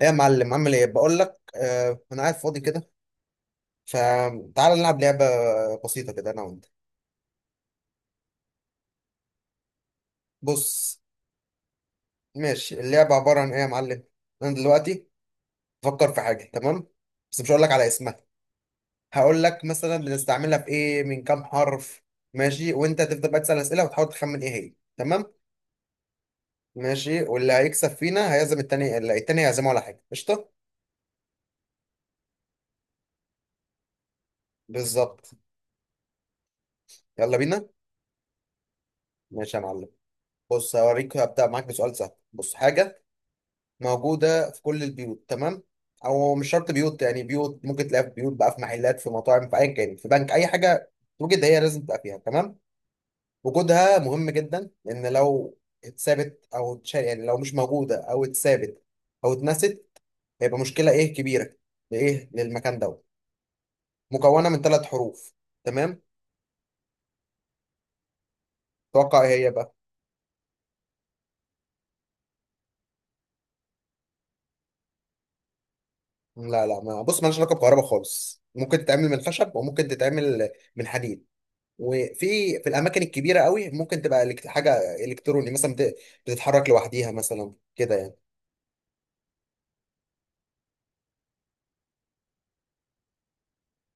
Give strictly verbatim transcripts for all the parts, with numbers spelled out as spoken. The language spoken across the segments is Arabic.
ايه يا معلم، عامل ايه؟ بقول لك آه انا قاعد فاضي كده، فتعال نلعب لعبه بسيطه كده، انا وانت. بص. ماشي، اللعبه عباره عن ايه يا معلم؟ انا دلوقتي بفكر في حاجه، تمام؟ بس مش هقول لك على اسمها. هقول لك مثلا بنستعملها في ايه، من كام حرف. ماشي، وانت هتفضل بقى تسال اسئله وتحاول تخمن ايه هي، تمام؟ ماشي، واللي هيكسب فينا هيعزم التاني، اللي التاني هيعزمه على حاجه قشطه. بالظبط. يلا بينا. ماشي يا معلم. بص، هوريك، هبدا معاك بسؤال سهل. بص، حاجه موجودة في كل البيوت، تمام؟ أو مش شرط بيوت، يعني بيوت ممكن تلاقيها في بيوت بقى، في محلات، في مطاعم، في أيا كان، في بنك، أي حاجة. توجد، هي لازم تبقى فيها، تمام. وجودها مهم جدا، لأن لو اتثابت أو اتشال، يعني لو مش موجودة أو اتثابت أو اتنست، هيبقى مشكلة إيه كبيرة. لإيه؟ للمكان دوت. مكونة من ثلاث حروف. تمام. توقع إيه هي بقى. لا لا، ما بص، مالهاش علاقة بكهرباء خالص. ممكن تتعمل من خشب، وممكن تتعمل من حديد. وفي في الاماكن الكبيره قوي ممكن تبقى إلكت- حاجه الكتروني مثلا، بت- بتتحرك لوحديها مثلا كده يعني.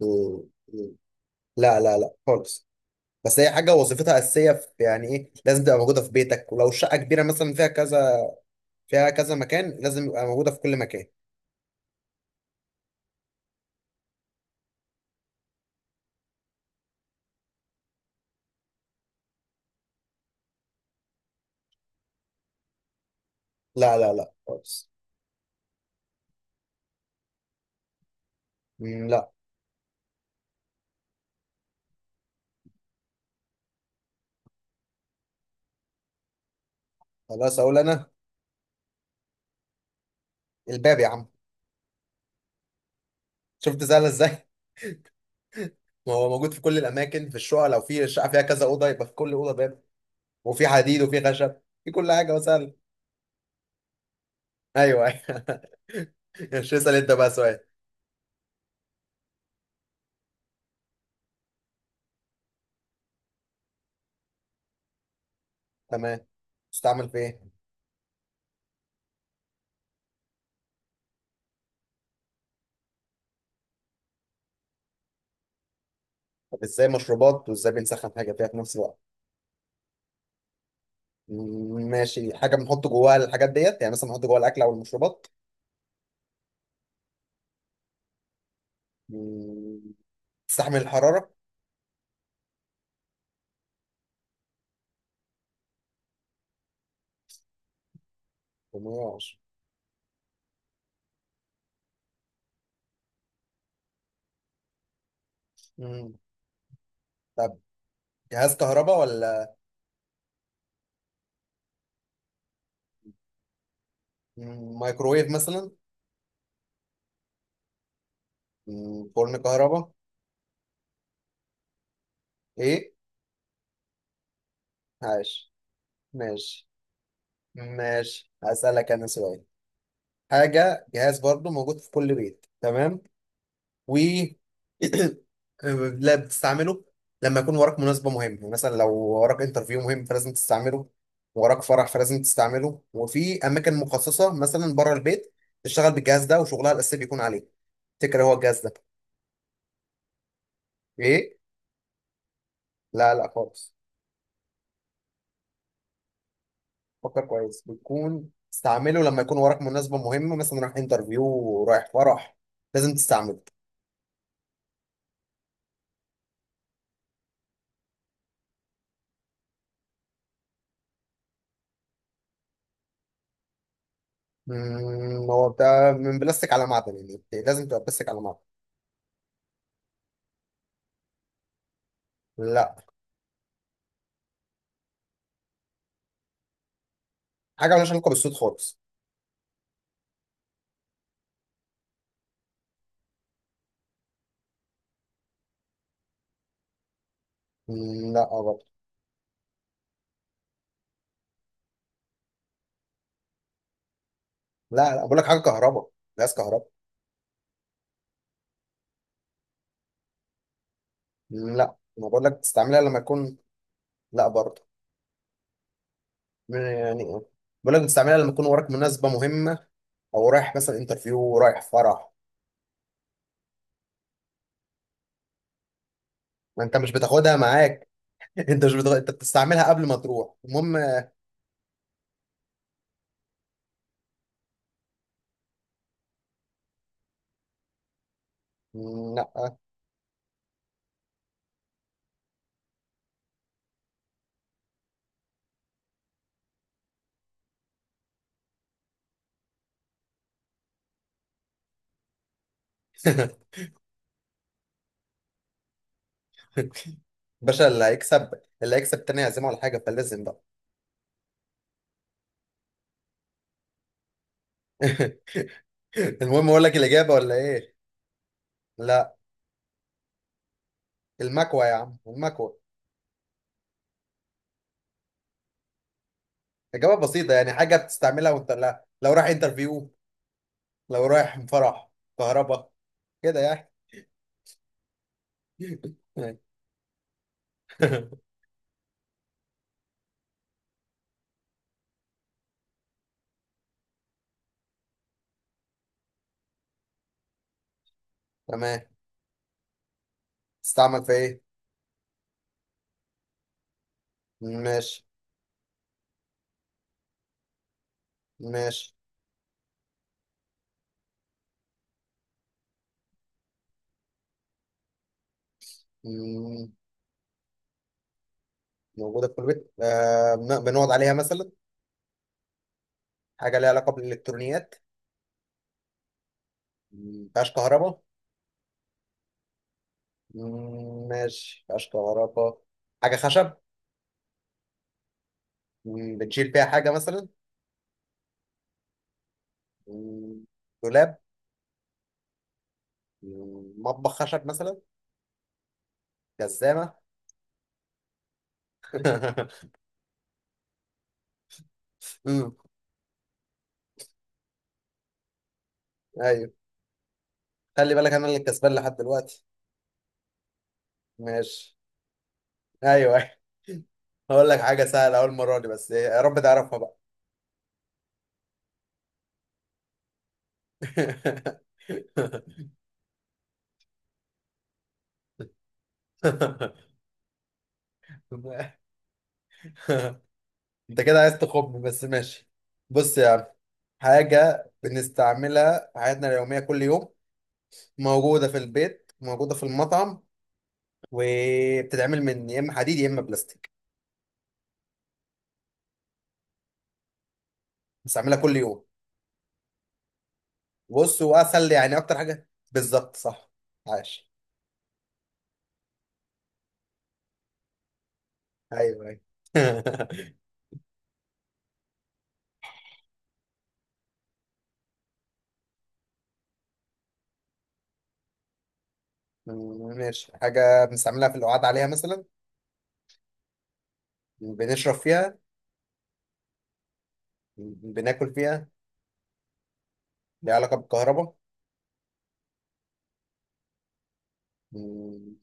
مم. مم. لا لا لا خالص. بس هي حاجه وظيفتها اساسيه في، يعني ايه، لازم تبقى موجوده في بيتك، ولو الشقه كبيره مثلا فيها كذا فيها كذا مكان لازم يبقى موجوده في كل مكان. لا لا لا خالص. مم، لا. خلاص، اقول انا. الباب يا عم. شفت سهله ازاي؟ ما هو موجود في كل الاماكن في الشقه، لو في الشقه فيها كذا اوضه يبقى في كل اوضه باب، وفي حديد وفي خشب، في كل حاجه، وسهل. ايوه ايوه. مش اسال انت بقى سؤال؟ تمام. تستعمل في ايه؟ طب ازاي مشروبات وازاي بنسخن حاجه فيها في نفس الوقت؟ مم، ماشي، حاجه بنحط جواها الحاجات ديت، يعني مثلا بنحط جواها الاكل او المشروبات. مم، تستحمل الحراره. ومياش. طب جهاز كهرباء ولا؟ مم، مايكروويف مثلا. مم، فرن كهرباء. ايه، عاش. ماشي. ماشي، هسألك انا سؤال. حاجه، جهاز برضو موجود في كل بيت، تمام. و لا، بتستعمله لما يكون وراك مناسبة مهمة. يعني مثلا لو وراك انترفيو مهم فلازم تستعمله، وراك فرح فلازم تستعمله، وفي أماكن مخصصة مثلا بره البيت تشتغل بالجهاز ده وشغلها الأساسي بيكون عليه. تفتكر هو الجهاز ده؟ إيه؟ لا لا خالص. فكر كويس. بتكون تستعمله لما يكون وراك مناسبة مهمة، مثلا رايح انترفيو، رايح فرح، لازم تستعمله. مم، هو بتاع من بلاستيك على معدن، يعني لازم تبقى بلاستيك على معدن. لا. حاجة مالهاش علاقة بالصوت خالص. لا برضه. لا لا، بقول لك حاجه كهرباء، جهاز كهرباء. لا، ما بقول لك تستعملها لما يكون. لا برضه. يعني إيه؟ بقول لك تستعملها لما يكون وراك مناسبه مهمه، او رايح مثلا انترفيو، رايح فرح. ما انت مش بتاخدها معاك. انت مش بتاخد... انت بتستعملها قبل ما تروح المهم. لا. باشا، اللي هيكسب، اللي هيكسب تاني هيعزمه على حاجه، فلازم بقى. المهم، اقول لك الاجابه ولا ايه؟ لا. المكوه يا عم، المكوه. اجابه بسيطه يعني، حاجه بتستعملها وانت، لا لو رايح انترفيو، لو رايح فرح، كهرباء، كده يعني. تمام. تستعمل في ايه؟ ماشي. ماشي. مم. موجودة في كل بيت، آه بن- بنقعد عليها مثلا. حاجة ليها علاقة بالإلكترونيات. مم. مفيهاش كهرباء. مم، ماشي، مفيهاش كهرباء، حاجة خشب. مم. بنشيل فيها حاجة مثلا. مم. دولاب. مم. مطبخ خشب مثلا. جزامة. مم. أيوه. خلي بالك أنا اللي كسبان لحد دلوقتي. ماشي. أيوه. هقول لك حاجة سهلة، أول مرة دي، بس إيه، يا رب تعرفها بقى. أنت كده عايز تخم، بس ماشي. بص يا عم، حاجة بنستعملها في حياتنا اليومية كل يوم، موجودة في البيت، موجودة في المطعم، وبتتعمل من يا إما حديد يا إما بلاستيك، بنستعملها كل يوم. بص وأسهل يعني أكتر حاجة، بالظبط صح. عاش. أيوه أيوه. ماشي. حاجة بنستعملها في القعاد عليها مثلا؟ بنشرب فيها؟ بناكل فيها؟ ليها علاقة بالكهرباء؟ مم،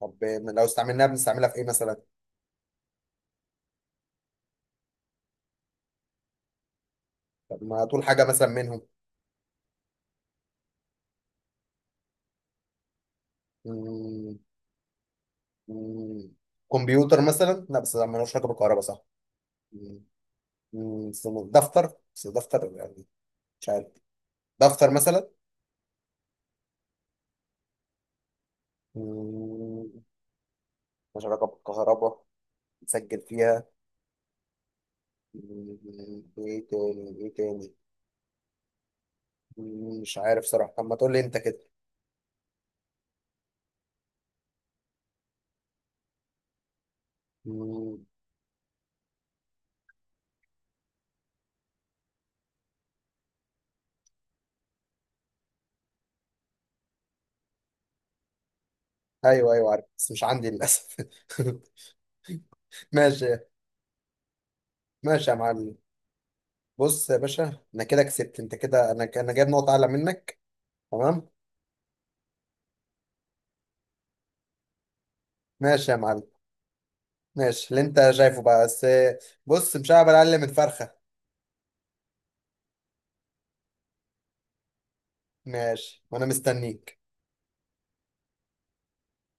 طب من- لو استعملناها بنستعملها في ايه مثلا؟ طب ما هتقول حاجة مثلا منهم. مم، مم، كمبيوتر مثلا؟ لا بس ده ملوش علاقة بالكهرباء صح. مم، مم، استنى، دفتر. بس دفتر يعني، مش عارف. دفتر مثلا. مم، ملوش علاقة بالكهرباء. نسجل فيها. مم، ايه تاني ايه تاني. مم، مش عارف صراحة. طب ما تقول لي انت كده. مم، ايوه ايوه عارف، بس مش عندي للاسف. ماشي. ماشي يا معلم. بص يا باشا، انا كده كسبت، انت كده، انا انا جايب نقطة اعلى منك. تمام. ماشي يا معلم. ماشي، اللي انت شايفه بقى بس. بص، مش هعمل اقل من فرخة. ماشي، وانا مستنيك.